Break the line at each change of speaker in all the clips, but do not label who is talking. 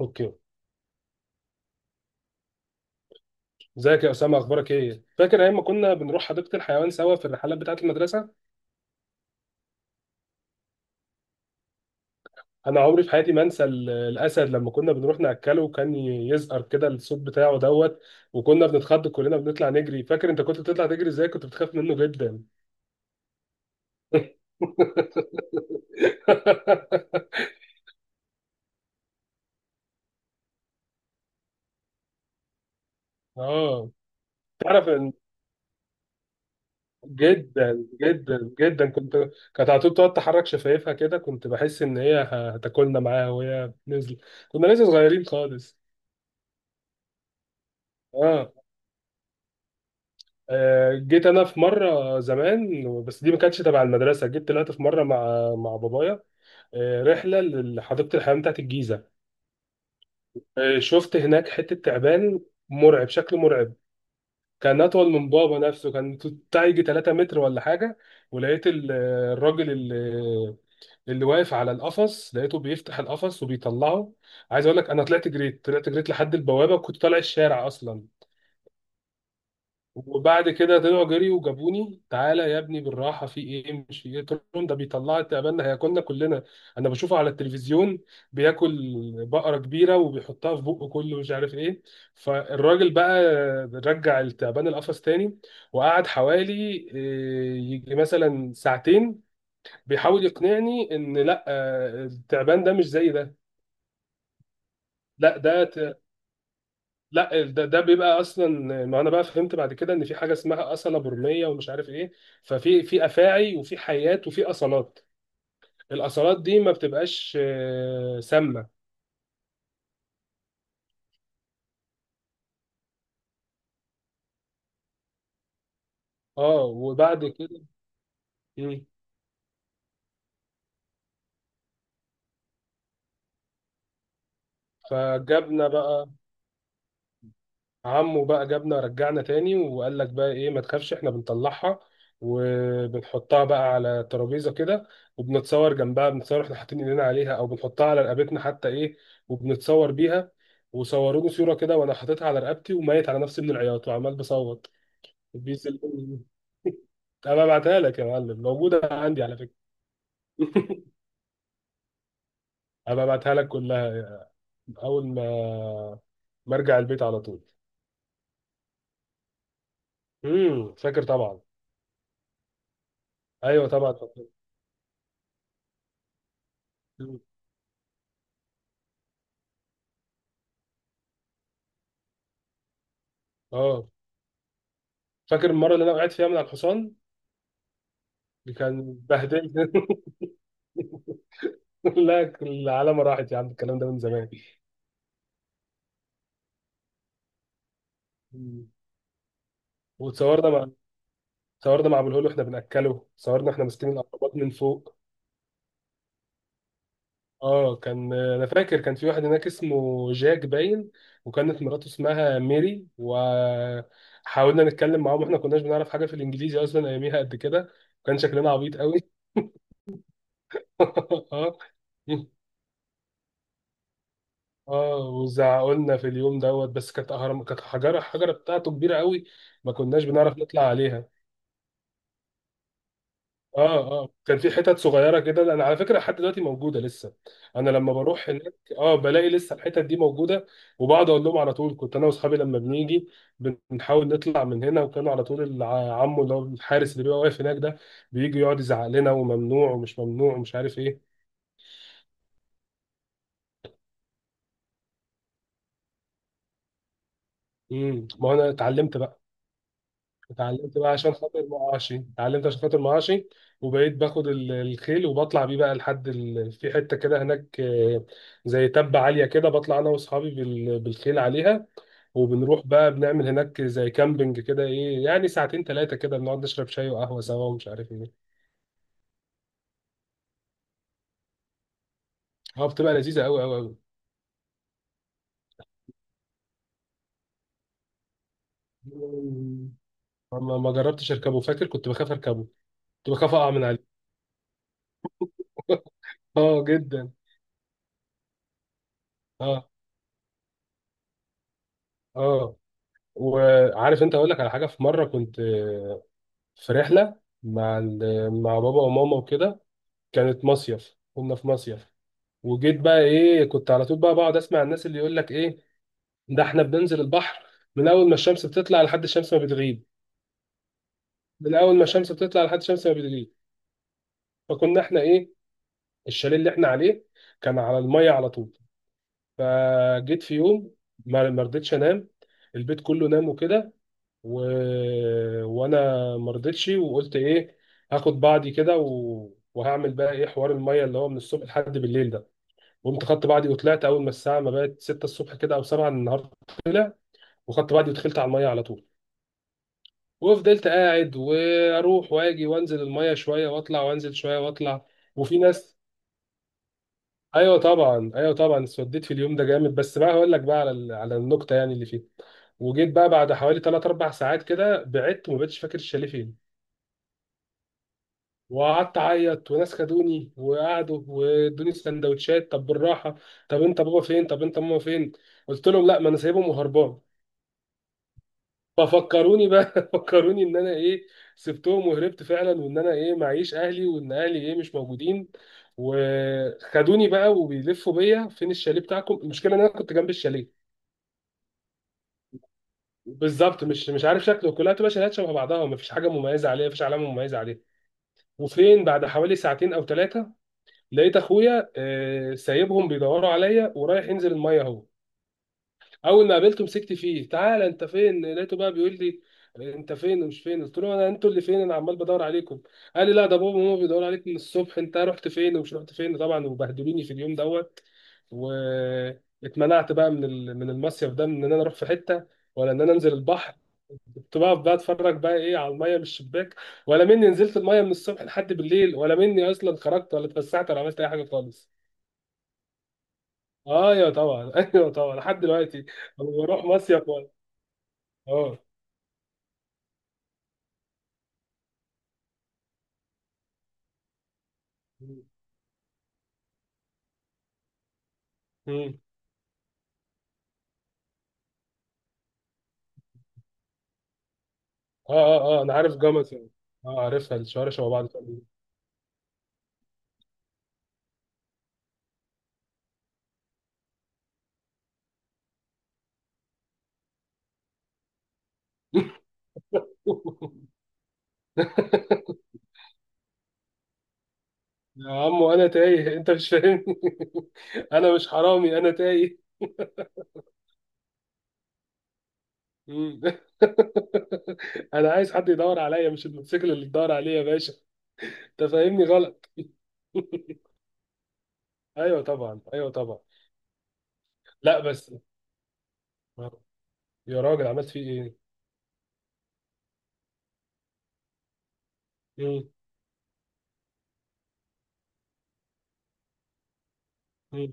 اوكي. ازيك يا اسامه؟ اخبارك ايه؟ فاكر ايام ما كنا بنروح حديقه الحيوان سوا في الرحلات بتاعه المدرسه؟ انا عمري في حياتي ما انسى الاسد لما كنا بنروح ناكله، وكان يزقر كده الصوت بتاعه دوت. وكنا بنتخض كلنا، بنطلع نجري. فاكر انت كنت بتطلع تجري ازاي؟ كنت بتخاف منه جدا. اه. تعرف ان جدا جدا جدا كنت، كانت على طول تقعد تحرك شفايفها كده، كنت بحس ان هي هتاكلنا معاها وهي نزل. كنا لسه صغيرين خالص. اه. جيت انا في مره زمان، بس دي ما كانتش تبع المدرسه، جيت طلعت في مره مع مع بابايا. رحله لحديقه الحيوان بتاعت الجيزه. شفت هناك حته تعبان، مرعب، شكل مرعب. كان اطول من بابا نفسه، كان بتاع يجي 3 متر ولا حاجه. ولقيت الراجل اللي اللي واقف على القفص، لقيته بيفتح القفص وبيطلعه. عايز اقول لك انا طلعت جريت، طلعت جريت لحد البوابه، وكنت طالع الشارع اصلا. وبعد كده طلعوا جري وجابوني، تعالى يا ابني بالراحه، في ايه مش في ايه، قلت لهم ده بيطلع تقابلنا هياكلنا كلنا. انا بشوفه على التلفزيون بياكل بقره كبيره وبيحطها في بقه كله مش عارف ايه. فالراجل بقى رجع التعبان القفص تاني، وقعد حوالي يجي مثلا ساعتين بيحاول يقنعني ان لا، التعبان ده مش زي ده. لا ده، لا ده ده بيبقى اصلا. ما انا بقى فهمت بعد كده ان في حاجه اسمها اصله برميه ومش عارف ايه. ففي افاعي وفي حيات وفي اصلات. الاصلات دي ما بتبقاش سامه. اه وبعد كده. مم. فجبنا بقى، عمه بقى جابنا رجعنا تاني، وقال لك بقى ايه ما تخافش احنا بنطلعها وبنحطها بقى على ترابيزه كده، وبنتصور جنبها، بنتصور احنا حاطين ايدينا عليها، او بنحطها على رقبتنا حتى ايه، وبنتصور بيها. وصوروني صوره كده وانا حاططها على رقبتي وميت على نفسي من العياط وعمال بصوت بيسلموني. ابقى ابعتها لك يا معلم، موجوده عندي على فكره. ابقى ابعتها لك كلها اول ما ارجع البيت على طول. امم، فاكر طبعا. ايوه طبعا فاكر. مم. اه، فاكر المره اللي انا وقعت فيها من على الحصان اللي كان بهدلت. لا، العلامه راحت يا عم، الكلام ده من زمان. مم. وتصورنا مع تصورنا مع ابو الهول واحنا بناكله، صورنا احنا ماسكين الاقربات من فوق. اه، كان انا فاكر كان في واحد هناك اسمه جاك باين، وكانت مراته اسمها ميري، وحاولنا نتكلم معاهم، احنا كناش بنعرف حاجه في الانجليزي اصلا اياميها قد كده. كان شكلنا عبيط قوي. اه. اه، وزعقولنا في اليوم دوت. بس كانت اهرام، كانت حجره، الحجره بتاعته كبيره قوي، ما كناش بنعرف نطلع عليها. اه. اه، كان في حتت صغيره كده انا على فكره لحد دلوقتي موجوده لسه. انا لما بروح هناك اه بلاقي لسه الحتت دي موجوده، وبقعد اقول لهم على طول كنت انا واصحابي لما بنيجي بنحاول نطلع من هنا، وكانوا على طول عمو اللي هو الحارس اللي بيبقى واقف هناك ده بيجي يقعد يزعق لنا، وممنوع ومش ممنوع ومش عارف ايه. امم، ما هو انا اتعلمت. اتعلمت بقى عشان خاطر معاشي، اتعلمت عشان خاطر معاشي. وبقيت باخد الخيل وبطلع بيه بقى لحد في حته كده هناك زي تبة عاليه كده، بطلع انا واصحابي بالخيل عليها. وبنروح بقى بنعمل هناك زي كامبينج كده، ايه يعني ساعتين ثلاثه كده بنقعد نشرب شاي وقهوه سوا ومش عارف ايه. اه، بتبقى لذيذه قوي قوي قوي. ما جربتش اركبه، فاكر كنت بخاف اركبه، كنت بخاف اقع من عليه. اه جدا. اه. اه، وعارف انت، اقول لك على حاجه، في مره كنت في رحلة مع مع بابا وماما وكده، كانت مصيف، كنا في مصيف. وجيت بقى ايه، كنت على طول بقى بقعد اسمع الناس اللي يقول لك ايه، ده احنا بننزل البحر من اول ما الشمس بتطلع لحد الشمس ما بتغيب، من اول ما الشمس بتطلع لحد الشمس ما بتغيب. فكنا احنا ايه، الشاليه اللي احنا عليه كان على المية على طول. فجيت في يوم ما رضيتش انام، البيت كله نام وكده، و... وانا ما رضيتش، وقلت ايه، هاخد بعضي كده وهعمل بقى ايه حوار الميه اللي هو من الصبح لحد بالليل ده. قمت خدت بعضي وطلعت اول ما الساعه ما بقت 6 الصبح كده او 7 النهارده، وخدت بعضي ودخلت على الميه على طول، وفضلت قاعد واروح واجي وانزل الميه شويه واطلع وانزل شويه واطلع. وفي ناس، ايوه طبعا، ايوه طبعا اتسوديت في اليوم ده جامد، بس بقى هقول لك بقى على على النقطه يعني اللي فيه. وجيت بقى بعد حوالي 3 4 ساعات كده بعدت، وما بقتش فاكر الشاليه فين. وقعدت اعيط، وناس خدوني وقعدوا وادوني سندوتشات، طب بالراحه، طب انت بابا فين، طب انت ماما فين، قلت لهم لا، ما انا سايبهم وهربان. ففكروني بقى فكروني ان انا ايه، سبتهم وهربت فعلا، وان انا ايه معيش اهلي، وان اهلي ايه مش موجودين. وخدوني بقى وبيلفوا بيا، فين الشاليه بتاعكم؟ المشكله ان انا كنت جنب الشاليه بالظبط، مش مش عارف شكله، كلها بتبقى شاليهات شبه بعضها، ومفيش حاجه مميزه عليها، مفيش علامه مميزه عليها. وفين بعد حوالي ساعتين او ثلاثه لقيت اخويا سايبهم بيدوروا عليا ورايح ينزل الميه اهو. اول ما قابلته مسكت فيه، تعالى انت فين، لقيته بقى بيقول لي انت فين ومش فين، قلت له انا انتوا اللي فين، انا عمال بدور عليكم. قال لي لا، ده بابا وماما بيدوروا عليك من الصبح، انت رحت فين ومش رحت فين، طبعا وبهدلوني في اليوم دوت. واتمنعت بقى من من المصيف ده، من ان انا اروح في حته، ولا ان انا انزل البحر. كنت بقف بقى اتفرج بقى ايه على الميه من الشباك، ولا مني نزلت الميه من الصبح لحد بالليل، ولا مني اصلا خرجت، ولا اتفسحت، ولا عملت اي حاجه خالص. ايوه طبعا ايوه طبعا لحد دلوقتي لما بروح مصيف ولا. اه. مم. اه اه اه، انا عارف جمصة، اه عارفها، الشوارع شبه بعض تقريبا. يا عم انا تايه، انت مش فاهمني. انا مش حرامي، انا تايه. مم. انا عايز حد يدور عليا، مش الموتوسيكل اللي يدور عليا يا باشا، انت فاهمني غلط. ايوه طبعا، ايوه طبعا. لا بس، يا راجل عملت فيه ايه؟ مم. مم.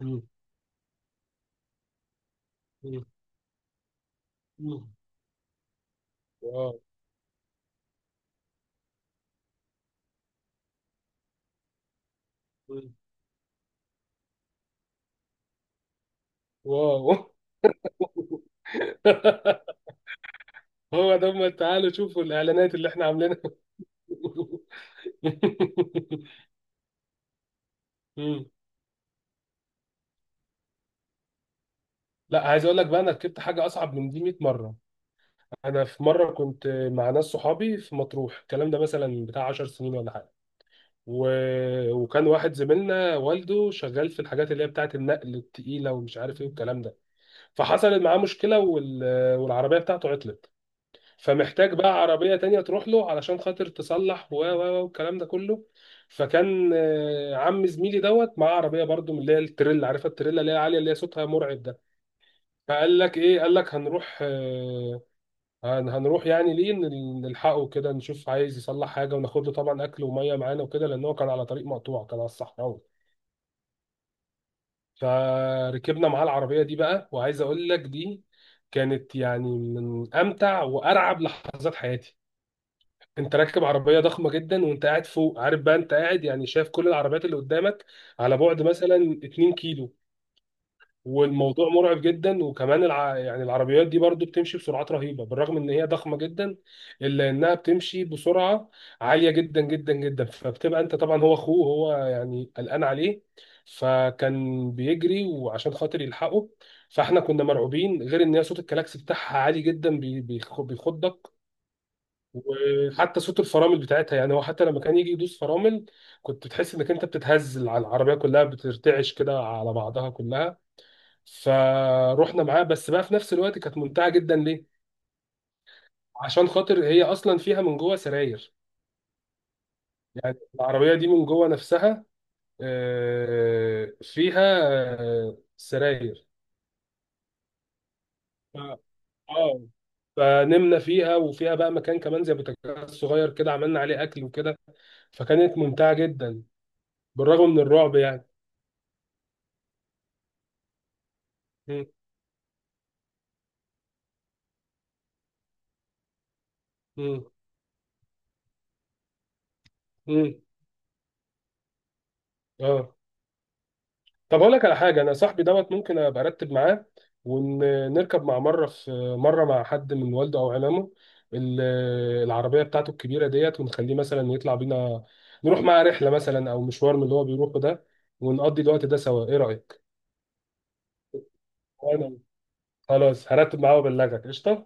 مم. مم. مم. واو. واو. هو ده هم، تعالوا شوفوا الاعلانات اللي احنا عاملينها. مم. لا، عايز اقول لك بقى، انا ركبت حاجه اصعب من دي 100 مره. انا في مره كنت مع ناس صحابي في مطروح، الكلام ده مثلا بتاع 10 سنين ولا حاجه، و... وكان واحد زميلنا والده شغال في الحاجات اللي هي بتاعه النقل التقيله ومش عارف ايه والكلام ده. فحصلت معاه مشكله والعربيه بتاعته عطلت، فمحتاج بقى عربية تانية تروح له علشان خاطر تصلح و والكلام ده كله. فكان عم زميلي دوت معاه عربية برضو من اللي هي التريلا، عارفة التريلا اللي هي عالية اللي هي صوتها مرعب ده. فقال لك ايه، قال لك هنروح هنروح يعني ليه نلحقه كده نشوف عايز يصلح حاجة، وناخد له طبعا أكل ومية معانا وكده، لأن هو كان على طريق مقطوع، كان على الصحراوي. فركبنا معاه العربية دي بقى، وعايز أقول لك دي كانت يعني من أمتع وأرعب لحظات حياتي. انت راكب عربيه ضخمه جدا وانت قاعد فوق، عارف بقى انت قاعد يعني شايف كل العربيات اللي قدامك على بعد مثلا 2 كيلو، والموضوع مرعب جدا. وكمان يعني العربيات دي برضو بتمشي بسرعات رهيبه، بالرغم ان هي ضخمه جدا الا انها بتمشي بسرعه عاليه جدا جدا جدا. فبتبقى انت طبعا، هو اخوه هو يعني قلقان عليه، فكان بيجري وعشان خاطر يلحقه، فاحنا كنا مرعوبين، غير ان هي صوت الكلاكس بتاعها عالي جدا بيخضك، وحتى صوت الفرامل بتاعتها، يعني هو حتى لما كان يجي يدوس فرامل كنت بتحس انك انت بتتهز، على العربيه كلها بترتعش كده على بعضها كلها. فروحنا معاه، بس بقى في نفس الوقت كانت ممتعه جدا. ليه؟ عشان خاطر هي اصلا فيها من جوه سراير، يعني العربيه دي من جوه نفسها فيها سراير. ف- اه. فنمنا فيها، وفيها بقى مكان كمان زي بوتاجاز صغير كده عملنا عليه اكل وكده، فكانت ممتعه جدا بالرغم من الرعب يعني. امم. امم. اه، طب اقول لك على حاجه، انا صاحبي دوت ممكن ابقى ارتب معاه ونركب مع مره في مره مع حد من والده او عمامه ال- العربيه بتاعته الكبيره ديت، ونخليه مثلا يطلع بينا، نروح معاه رحله مثلا او مشوار من اللي هو بيروحه ده، ونقضي الوقت ده سوا، ايه رايك؟ وانا خلاص هرتب معاه وابلغك، قشطه.